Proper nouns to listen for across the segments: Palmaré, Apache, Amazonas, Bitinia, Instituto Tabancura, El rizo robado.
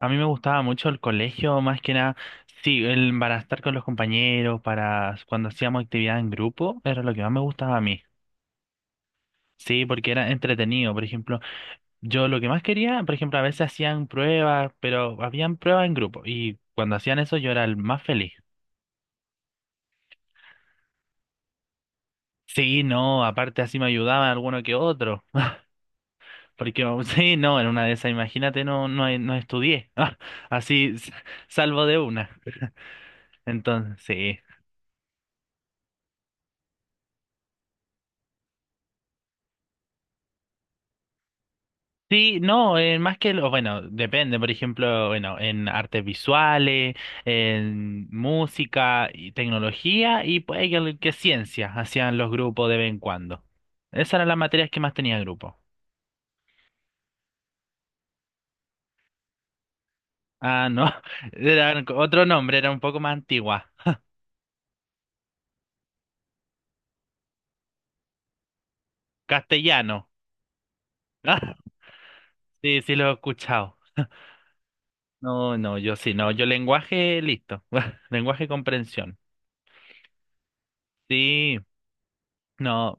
A mí me gustaba mucho el colegio, más que nada, sí, el, para estar con los compañeros, para cuando hacíamos actividad en grupo, era lo que más me gustaba a mí. Sí, porque era entretenido, por ejemplo, yo lo que más quería, por ejemplo, a veces hacían pruebas, pero habían pruebas en grupo y cuando hacían eso yo era el más feliz. Sí, no, aparte así me ayudaban alguno que otro, porque sí, no, en una de esas, imagínate, no estudié, así s- salvo de una. Entonces, sí. Sí, no, más que lo, bueno, depende, por ejemplo, bueno, en artes visuales, en música y tecnología y puede que, ciencia hacían los grupos de vez en cuando. Esas eran las materias que más tenía grupo. Ah, no, era otro nombre, era un poco más antigua. Castellano. sí, sí lo he escuchado. No, no, yo sí, no, yo lenguaje, listo. Lenguaje comprensión. Sí, no,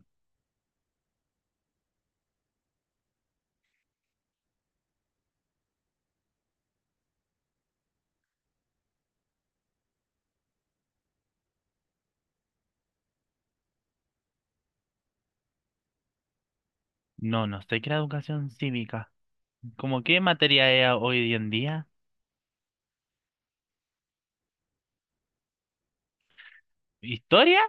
no sé qué era educación cívica. ¿Cómo qué materia es hoy en día? ¿Historia?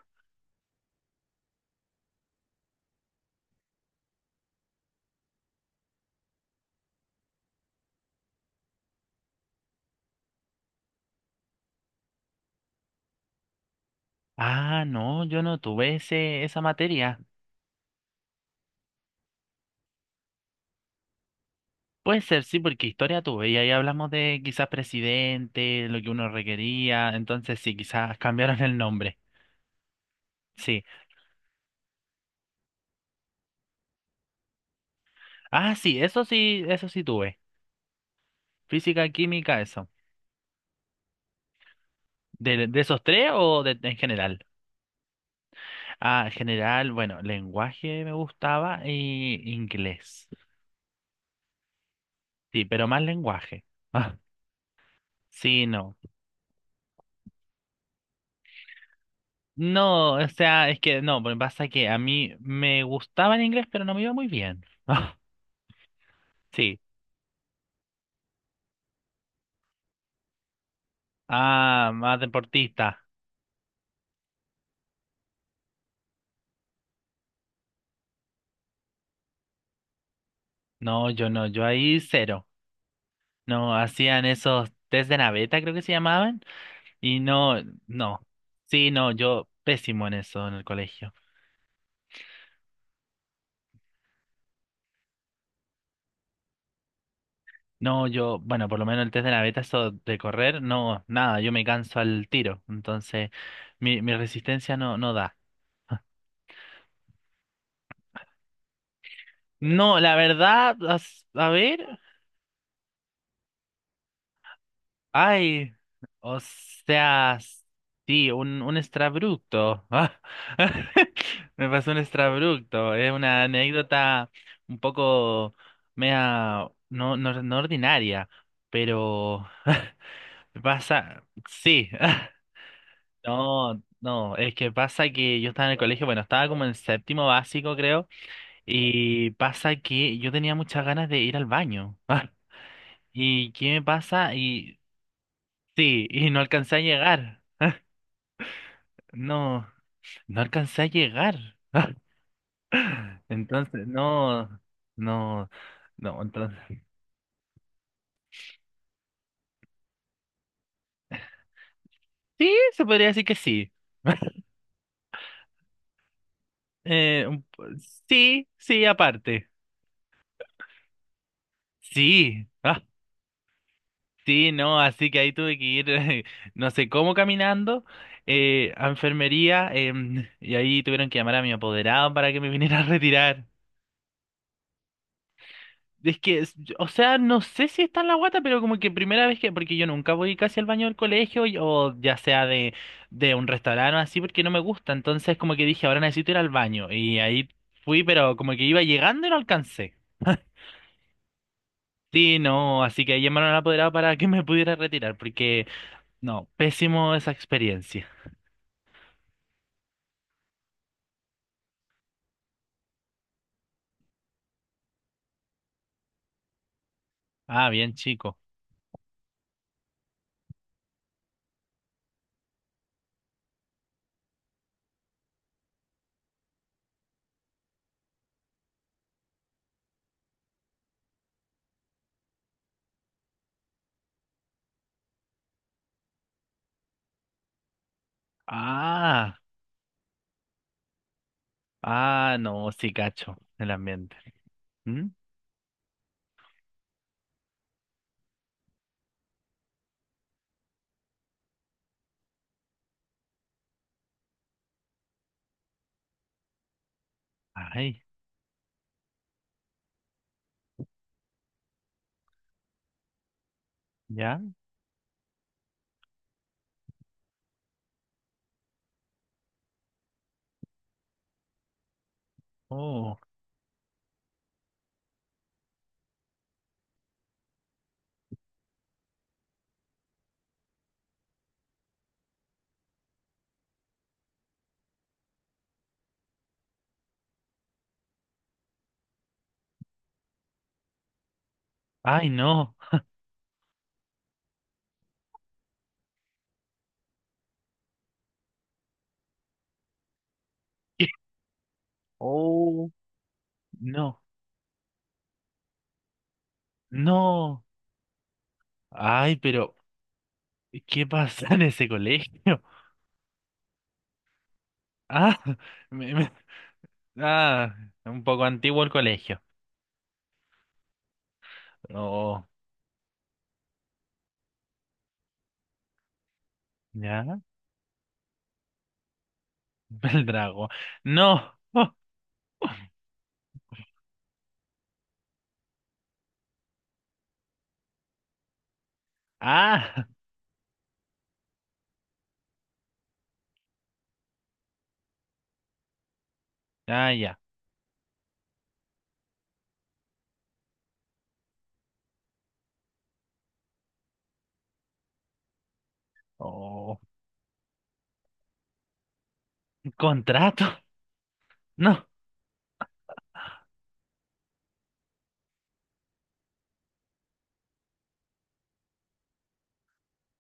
Ah, no, yo no tuve esa materia. Puede ser, sí, porque historia tuve y ahí hablamos de quizás presidente, lo que uno requería, entonces sí, quizás cambiaron el nombre. Sí. Ah, sí, eso sí, eso sí tuve. Física, química, eso. ¿De, esos tres o de, en general? Ah, en general, bueno, lenguaje me gustaba y inglés. Sí, pero más lenguaje. Ah, sí, no. No, o sea, es que no, porque pasa que a mí me gustaba el inglés, pero no me iba muy bien. Sí. Ah, más deportista. No, yo no, yo ahí cero. No, hacían esos test de naveta, creo que se llamaban, y no, no. Sí, no, yo pésimo en eso en el colegio. No, yo, bueno, por lo menos el test de naveta, eso de correr, no, nada, yo me canso al tiro. Entonces, mi resistencia no, no da. No, la verdad, a ver. Ay, o sea, sí, un extrabructo. Ah, me pasó un extrabructo. Es una anécdota un poco no, no ordinaria, pero pasa, sí. No, no, es que pasa que yo estaba en el colegio, bueno, estaba como en séptimo básico, creo, y pasa que yo tenía muchas ganas de ir al baño. ¿Y qué me pasa? Y no alcancé a llegar. No, no alcancé a llegar. Entonces, no, no, no, entonces. Sí, se podría decir que sí. Eh, un po- sí, sí, aparte. Sí, ah, sí, no, así que ahí tuve que ir, no sé cómo caminando, a enfermería, y ahí tuvieron que llamar a mi apoderado para que me viniera a retirar. Es que, es- o sea, no sé si está en la guata, pero como que primera vez que, porque yo nunca voy casi al baño del colegio o ya sea de, un restaurante o así, porque no me gusta. Entonces como que dije, ahora necesito ir al baño. Y ahí fui, pero como que iba llegando y no alcancé. Sí, no, así que ahí llamaron al apoderado para que me pudiera retirar, porque no, pésimo esa experiencia. Ah, bien, chico. Ah, no, sí, cacho, el ambiente. ¿Mm? Ay, ya. Oh, ay, no. Oh. No, no. Ay, pero ¿qué pasa en ese colegio? Ah, me- me- ah, un poco antiguo el colegio. Oh, ya, el drago. No. Oh, ah, ah, ya. Oh, contrato. No.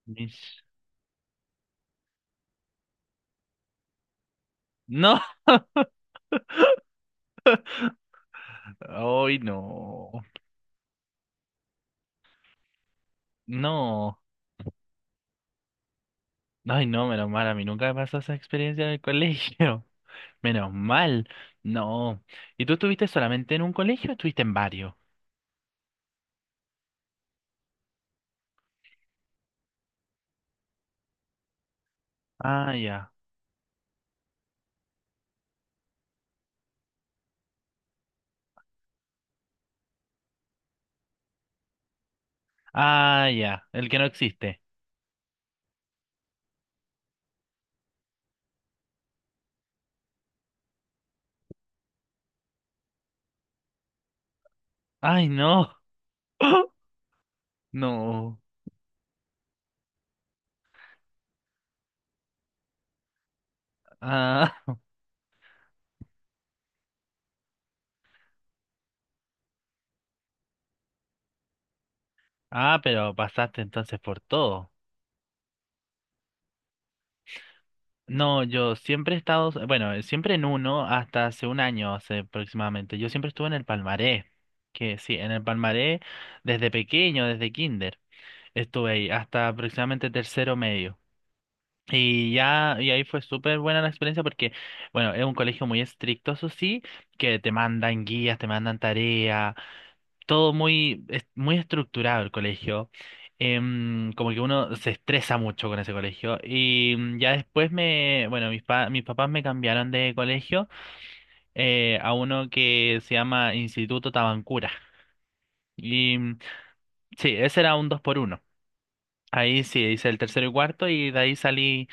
mis- No. Ay, no. No. Ay, no, menos mal. A mí nunca me pasó esa experiencia en el colegio. Menos mal. No. ¿Y tú estuviste solamente en un colegio o estuviste en varios? Ah, ya. Ah, ya, el que no existe. Ay, no. No. Ah, ah, pero pasaste entonces por todo. No, yo siempre he estado, bueno, siempre en uno hasta hace un año, hace aproximadamente. Yo siempre estuve en el Palmaré, que sí, en el Palmaré desde pequeño, desde kinder. Estuve ahí hasta aproximadamente tercero medio. Y ya, y ahí fue súper buena la experiencia porque, bueno, es un colegio muy estricto, eso sí, que te mandan guías, te mandan tareas. Todo muy, muy estructurado el colegio. Como que uno se estresa mucho con ese colegio. Y mm, ya después me, bueno, mis papás me cambiaron de colegio a uno que se llama Instituto Tabancura. Y mm, sí, ese era un dos por uno. Ahí sí, hice el tercero y cuarto y de ahí salí,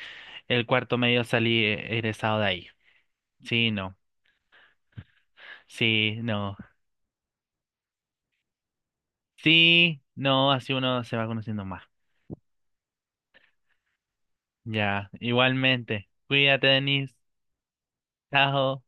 el cuarto medio salí egresado de ahí. Sí, no. Sí, no. Sí, no, así uno se va conociendo más. Ya, igualmente. Cuídate, Denise. Chao.